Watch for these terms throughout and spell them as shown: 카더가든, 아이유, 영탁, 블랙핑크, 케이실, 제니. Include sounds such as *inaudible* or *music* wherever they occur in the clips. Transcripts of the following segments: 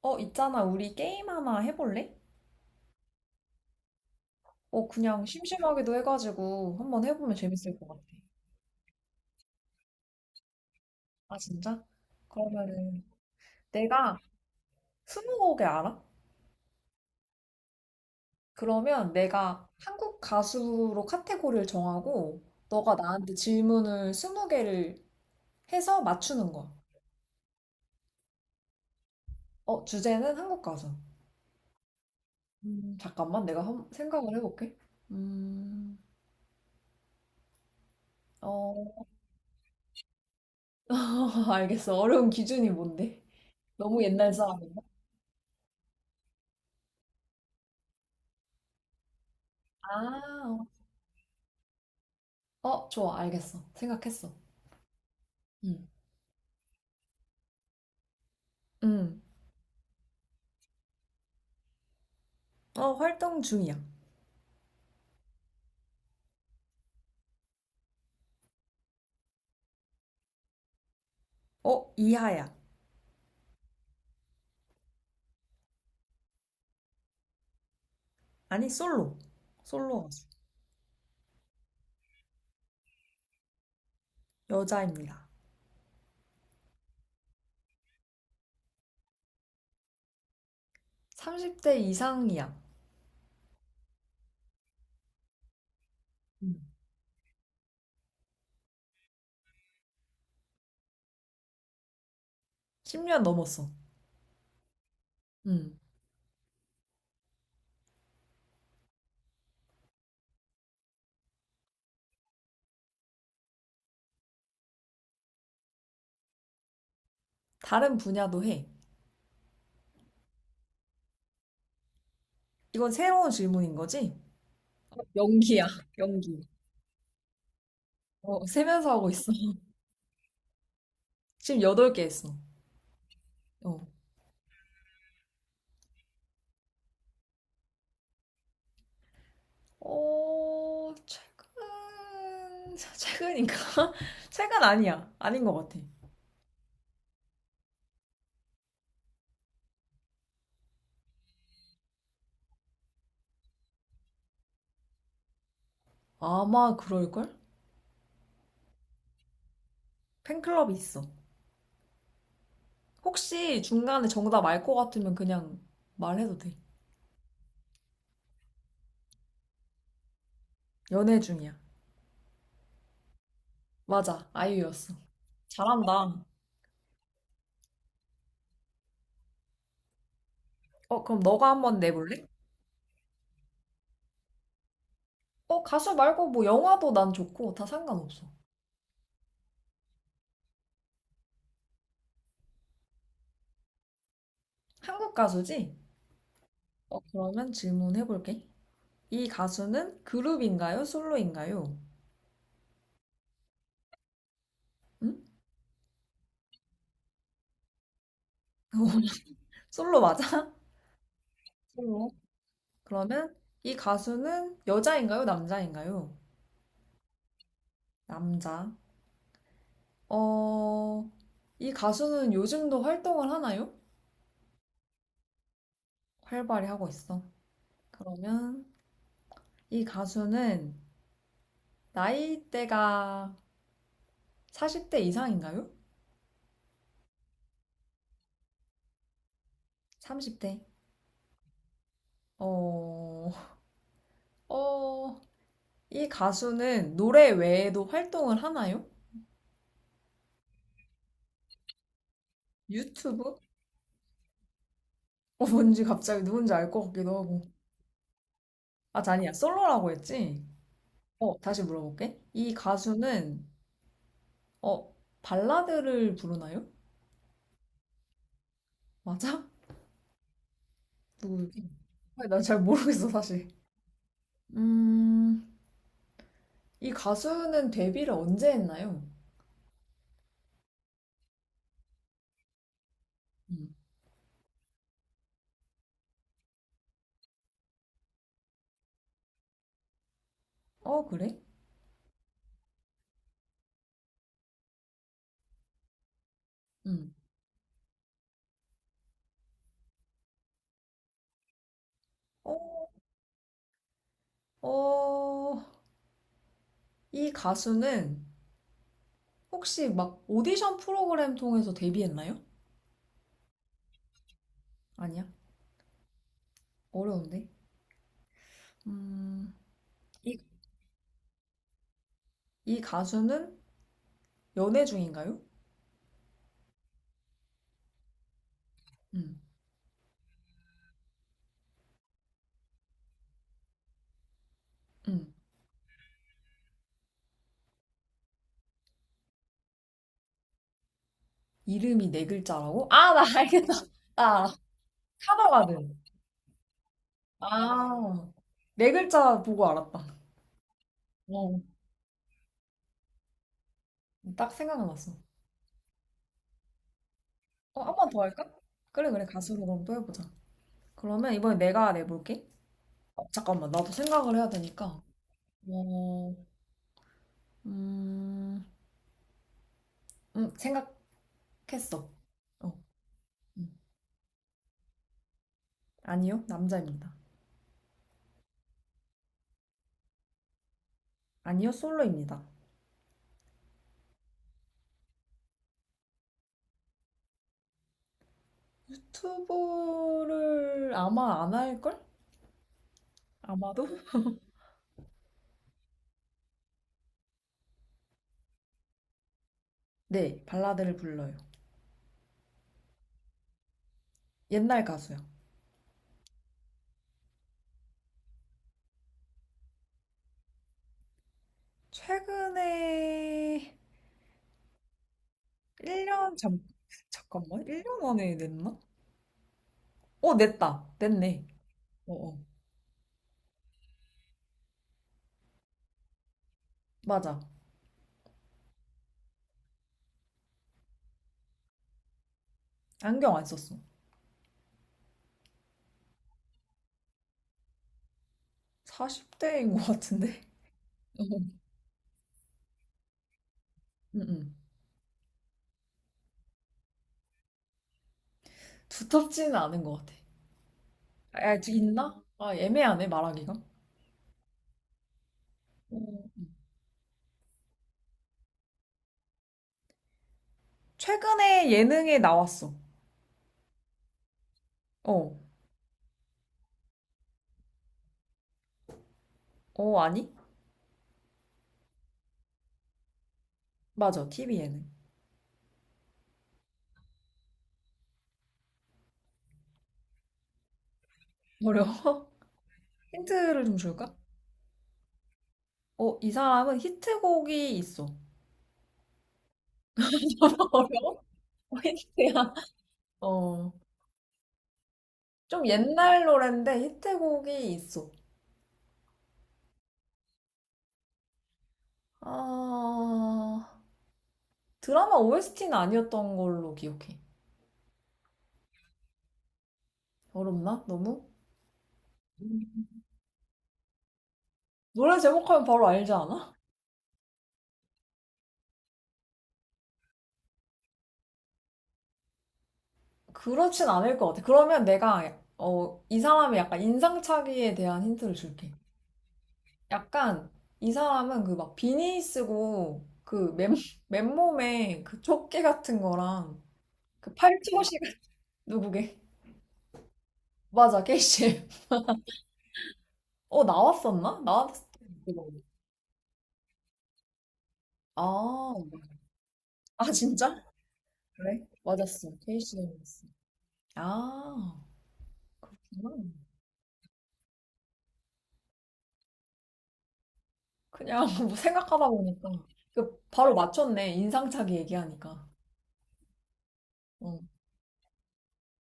있잖아. 우리 게임 하나 해볼래? 그냥 심심하기도 해가지고 한번 해보면 재밌을 것 같아. 아, 진짜? 그러면은 내가 스무고개 알아? 그러면 내가 한국 가수로 카테고리를 정하고 너가 나한테 질문을 20개를 해서 맞추는 거야. 주제는 한국 가수. 잠깐만. 내가 생각을 해볼게. 음, 어, *laughs* 알겠어. 어려운 기준이 뭔데? 너무 옛날 사람인가? 아, 어. 좋아, 알겠어. 생각했어. 응. 음. 활동 중이야. 이하야. 아니, 솔로. 솔로 가수. 여자입니다. 30대 이상이야. 음. 10년 넘었어. 음. 다른 분야도 해. 이건 새로운 질문인 거지? 연기야, 연기. 세면서 하고 있어. *laughs* 지금 여덟 개 했어. 어. 최근, *laughs* 최근인가? *laughs* 최근 아니야. 아닌 것 같아. 아마 그럴걸? 팬클럽이 있어. 혹시 중간에 정답 알 것 같으면 그냥 말해도 돼. 연애 중이야. 맞아, 아이유였어. 잘한다. 그럼 너가 한번 내볼래? 가수 말고 뭐 영화도 난 좋고 다 상관없어. 한국 가수지? 그러면 질문해볼게. 이 가수는 그룹인가요? 솔로인가요? 응? *laughs* 솔로 맞아? 솔로. 그러면 이 가수는 여자인가요? 남자인가요? 남자. 어, 이 가수는 요즘도 활동을 하나요? 활발히 하고 있어. 그러면 이 가수는 나이대가 40대 이상인가요? 30대. 어, 어, 이 가수는 노래 외에도 활동을 하나요? 유튜브? 뭔지 갑자기 누군지 알 것 같기도 하고. 아, 아니야. 솔로라고 했지? 다시 물어볼게. 이 가수는, 어, 발라드를 부르나요? 맞아? 누구지? 난잘 모르겠어, 사실. 음, 이 가수는 데뷔를 언제 했나요? 음. 그래? 음. 어, 어, 이 가수는 혹시 막 오디션 프로그램 통해서 데뷔했나요? 아니야. 어려운데. 음, 이, 이 가수는 연애 중인가요? 음, 음. 이름이 네 글자라고? 아, 나 알겠다. 나 알아. 카더가든. 아, 네 글자 보고 알았다. 어, 딱 생각났어. 한 번 더 할까? 그래, 그래. 가수로 그럼 또 해보자. 그러면 이번에 내가 내볼게. 잠깐만. 나도 생각을 해야 되니까. 어, 음, 음, 생각했어. 어, 음. 아니요, 남자입니다. 아니요, 솔로입니다. 투보를 아마 안 할걸? 아마도? 네, 발라드를 불러요. 옛날 가수요. 최근에 1년 전, 잠깐만, 1년 안에 냈나? 냈다. 냈네. 어, 어. 맞아. 안경 안 썼어. 40대인 것 같은데? *laughs* 어, 응, 응. 두텁지는 않은 것 같아. 아, 있나? 아, 애매하네, 말하기가. 어, 최근에 예능에 나왔어. 어. 아니? 맞아. TV 예능. 어려워. *laughs* 힌트를 좀 줄까? 이 사람은 히트곡이 있어. *laughs* 어려워 힌트야. 어. 좀 옛날 노랜데 히트곡이 있어. 아, 드라마 OST는 아니었던 걸로 기억해. 어렵나? 너무? 음. 노래 제목하면 바로 알지 않아? 그렇진 않을 것 같아. 그러면 내가, 이 사람의 약간 인상착의에 대한 힌트를 줄게. 약간 이 사람은 그 막 비니 쓰고 그 맨, *laughs* 맨몸에 그 조끼 같은 거랑 그 팔토시 같 누구게? *laughs* 맞아, 케이실. 나왔었나? 나왔을 거 아, 아, 진짜? 그래? 맞았어. 케이실이었어. 아, 그렇구나. 그냥 *laughs* 뭐 생각하다 보니까. 그 바로 맞췄네. 인상착의 얘기하니까. 어,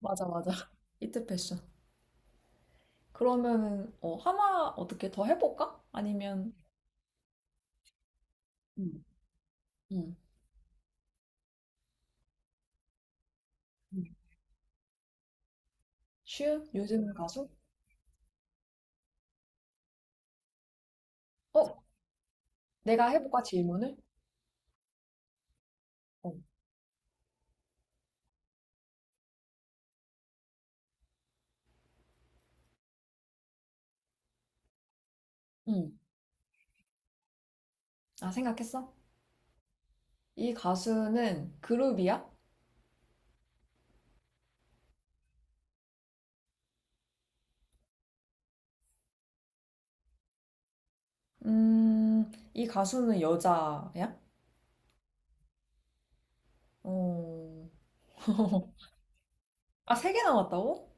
맞아, 맞아. 이트 패션. 그러면은, 하나 어떻게 더 해볼까? 아니면, 음, 음. 슈? 요즘 가수? 어? 내가 해볼까 질문을? 어. 음. 아, 생각했어? 이 가수는 그룹이야? 이 가수는 여자야? 어. *laughs* 아, 세 개 남았다고?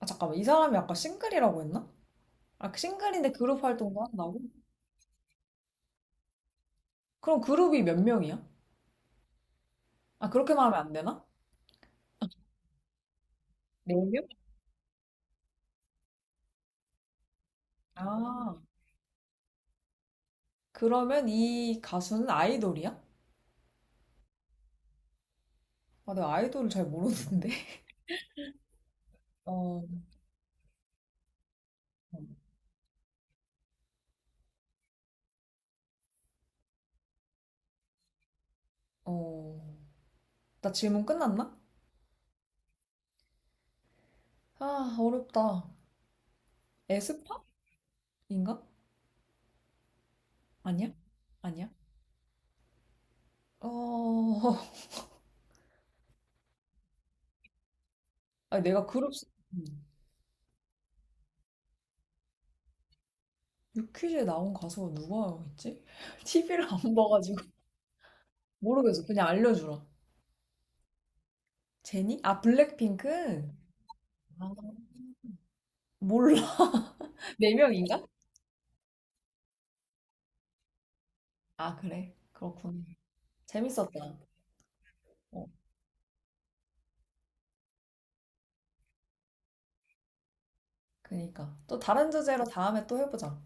아, 잠깐만. 이 사람이 아까 싱글이라고 했나? 아, 그 싱글인데 그룹 활동도 한다고? 그럼 그룹이 몇 명이야? 아, 그렇게 말하면 안 되나? 네 명? 아, 그러면 이 가수는 아이돌이야? 아, 내가 아이돌을 잘 모르는데. *laughs* 어, 어, 나 질문 끝났나? 아, 어렵다. 에스파인가? 아니야? 아니야? 어, *laughs* 아니, 내가 그룹, 음. 유퀴즈에 나온 가수가 누가 있지? TV를 *laughs* 안 봐가지고. 모르겠어. 그냥 알려주라. 제니? 아, 블랙핑크? 아, 몰라. *laughs* 네 명인가? 아, 그래. 그렇구나. 재밌었다. 어, 그니까. 또 다른 주제로 다음에 또 해보자.